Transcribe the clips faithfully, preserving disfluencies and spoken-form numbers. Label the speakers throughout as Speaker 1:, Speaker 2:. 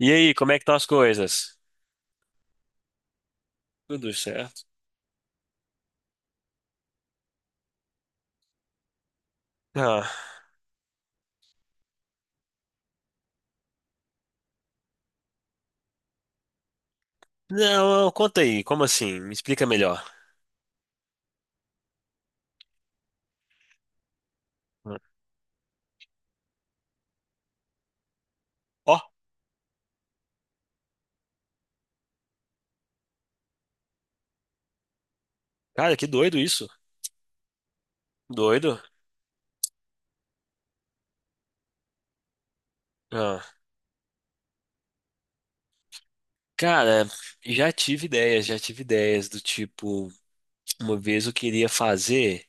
Speaker 1: E aí, como é que estão as coisas? Tudo certo. Ah, não, conta aí, como assim? Me explica melhor. Ó, cara, que doido isso. Doido. Ah, cara, já tive ideias, já tive ideias do tipo, uma vez eu queria fazer,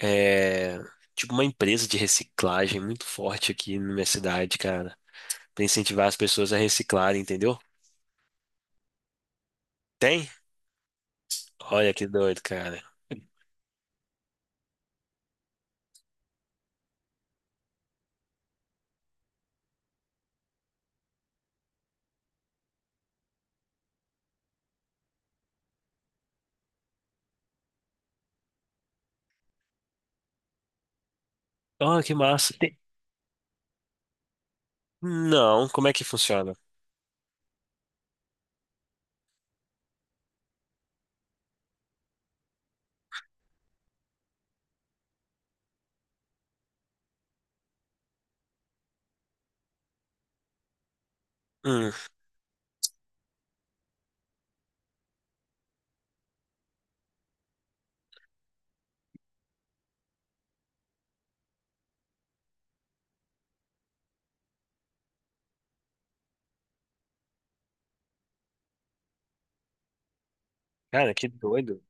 Speaker 1: é, tipo, uma empresa de reciclagem muito forte aqui na minha cidade, cara, pra incentivar as pessoas a reciclarem, entendeu? Tem? Olha que doido, cara. Ó, que massa. Tem. Não, como é que funciona? Hum, cara, que doido.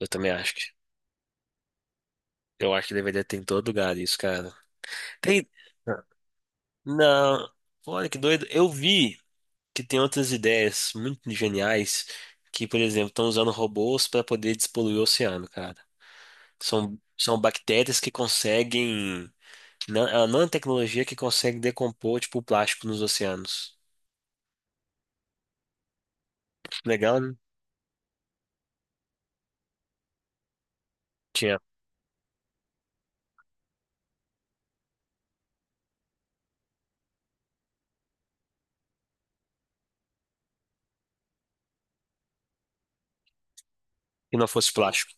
Speaker 1: Eu também acho que. Eu acho que deveria ter em todo lugar isso, cara. Tem. Não. Olha que doido. Eu vi que tem outras ideias muito geniais que, por exemplo, estão usando robôs para poder despoluir o oceano, cara. São, são bactérias que conseguem. nan- É uma nanotecnologia que consegue decompor, tipo, o plástico nos oceanos. Legal, né? Tinha. Que não fosse plástico.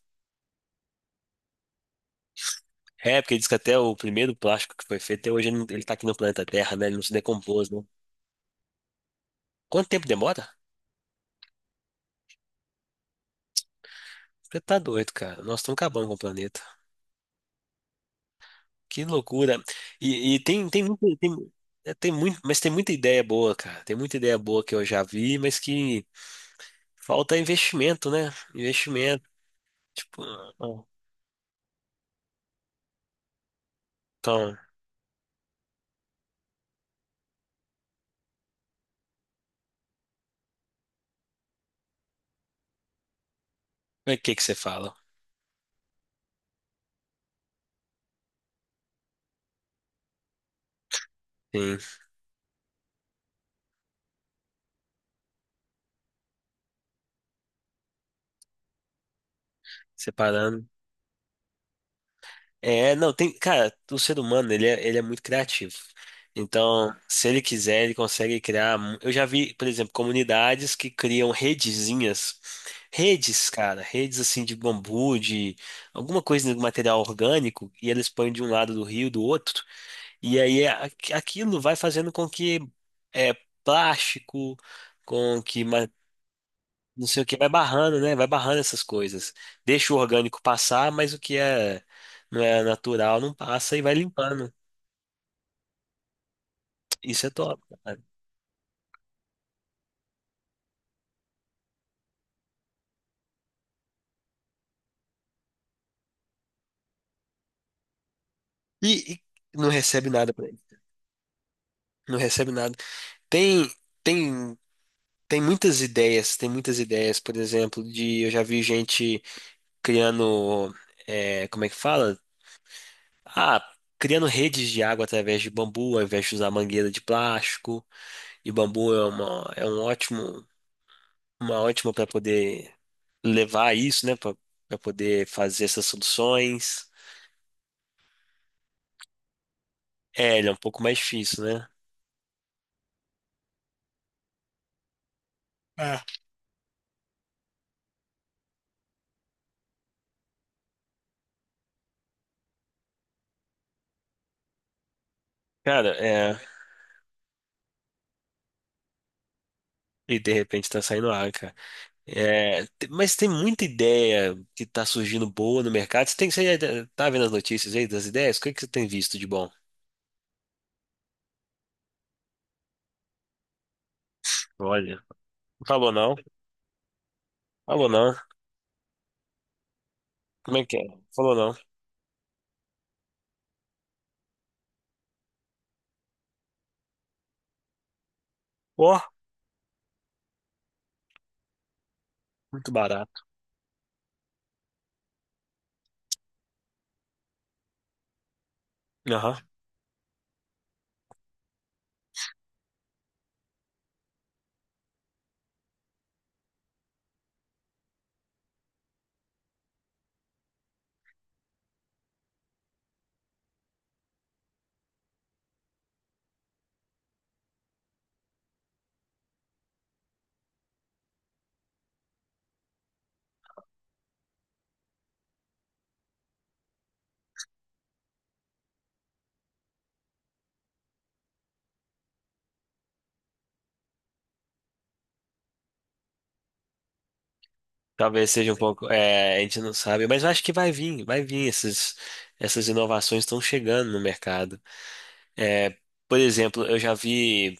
Speaker 1: É, porque diz que até o primeiro plástico que foi feito, até hoje ele não- ele tá aqui no planeta Terra, né? Ele não se decompôs, né? Quanto tempo demora? Você tá doido, cara. Nós estamos acabando com o planeta. Que loucura. E, e tem, tem, muito- tem, é, tem muito, mas tem muita ideia boa, cara. Tem muita ideia boa que eu já vi, mas que falta investimento, né? Investimento. Tipo, ah, então, o que que você fala? Sim, separando. É, não, tem, cara, o ser humano, ele é, ele é muito criativo. Então, se ele quiser, ele consegue criar. mu- Eu já vi, por exemplo, comunidades que criam redezinhas. Redes, cara, redes assim de bambu, de alguma coisa de material orgânico, e eles põem de um lado do rio, do outro, e aí a- aquilo vai fazendo com que é, plástico, com que não sei o que, vai barrando, né? Vai barrando essas coisas. Deixa o orgânico passar, mas o que é não é natural não passa e vai limpando. Isso é top, cara. E, e não recebe nada pra ele. Não recebe nada. Tem, tem, tem muitas ideias, tem muitas ideias, por exemplo, de eu já vi gente criando, é, como é que fala? Ah, criando redes de água através de bambu, ao invés de usar mangueira de plástico. E bambu é uma, é um ótimo, uma ótima para poder levar isso, né, para poder fazer essas soluções. É, ele é um pouco mais difícil, né? É. Cara, é. E de repente tá saindo ar, cara. É, te- mas tem muita ideia que tá surgindo boa no mercado. Você tem, você já tá vendo as notícias aí das ideias? O que é que você tem visto de bom? Olha, falou não, falou não. Como é que é? Falou não. Ó, muito barato. Aham. Talvez seja um pouco. É, a gente não sabe, mas eu acho que vai vir, vai vir. Essas, essas inovações estão chegando no mercado. É, por exemplo, eu já vi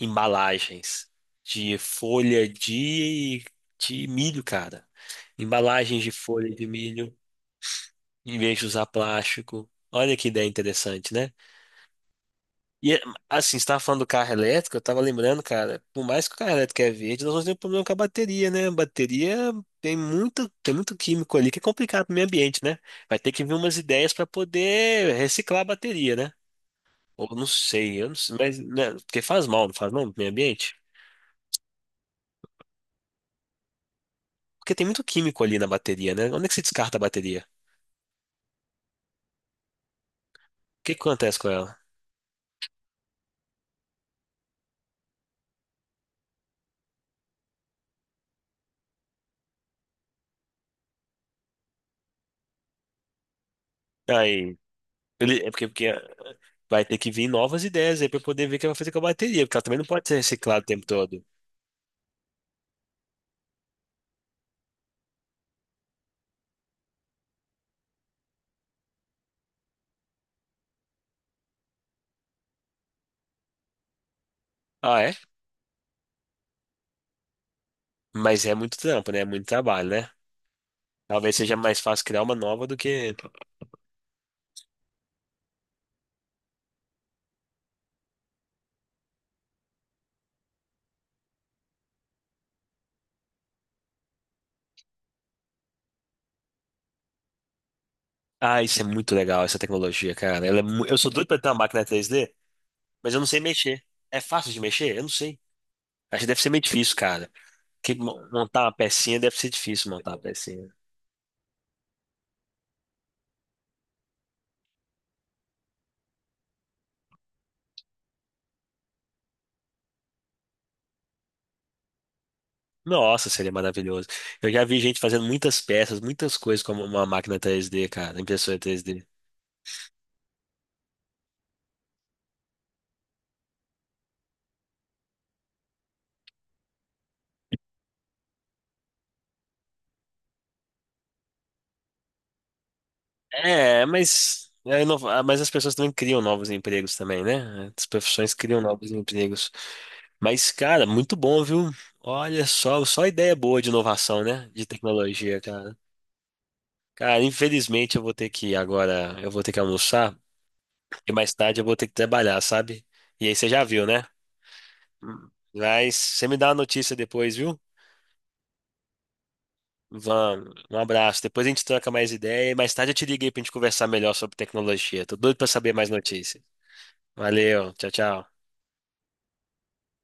Speaker 1: embalagens de folha de, de milho, cara. Embalagens de folha de milho, em vez de usar plástico. Olha que ideia interessante, né? E assim, você estava falando do carro elétrico, eu estava lembrando, cara, por mais que o carro elétrico é verde, nós vamos ter um problema com a bateria, né? A bateria tem muito, tem muito químico ali que é complicado para o meio ambiente, né? Vai ter que vir umas ideias para poder reciclar a bateria, né? Ou não sei, eu não sei, mas, né, porque faz mal, não faz mal pro meio ambiente? Porque tem muito químico ali na bateria, né? Onde é que se descarta a bateria? O que que acontece com ela? Aí, ele- é porque, porque, vai ter que vir novas ideias aí pra eu poder ver o que vai fazer com a bateria, porque ela também não pode ser reciclada o tempo todo. Ah, é? Mas é muito trampo, né? É muito trabalho, né? Talvez seja mais fácil criar uma nova do que. Ah, isso é muito legal, essa tecnologia, cara. Ela é mu- Eu sou doido pra ter uma máquina três dê, mas eu não sei mexer. É fácil de mexer? Eu não sei. Acho que deve ser meio difícil, cara. Que mo- montar uma pecinha deve ser difícil montar uma pecinha. Nossa, seria maravilhoso. Eu já vi gente fazendo muitas peças, muitas coisas com uma máquina três dê, cara, impressora três dê. É, mas, é inova- ah, mas as pessoas também criam novos empregos também, né? As profissões criam novos empregos. Mas, cara, muito bom, viu? Olha só, só ideia boa de inovação, né? De tecnologia, cara. Cara, infelizmente eu vou ter que ir agora, eu vou ter que almoçar e mais tarde eu vou ter que trabalhar, sabe? E aí você já viu, né? Mas você me dá uma notícia depois, viu? Vamos, um abraço. Depois a gente troca mais ideia e mais tarde eu te liguei pra gente conversar melhor sobre tecnologia. Tô doido pra saber mais notícias. Valeu, tchau, tchau.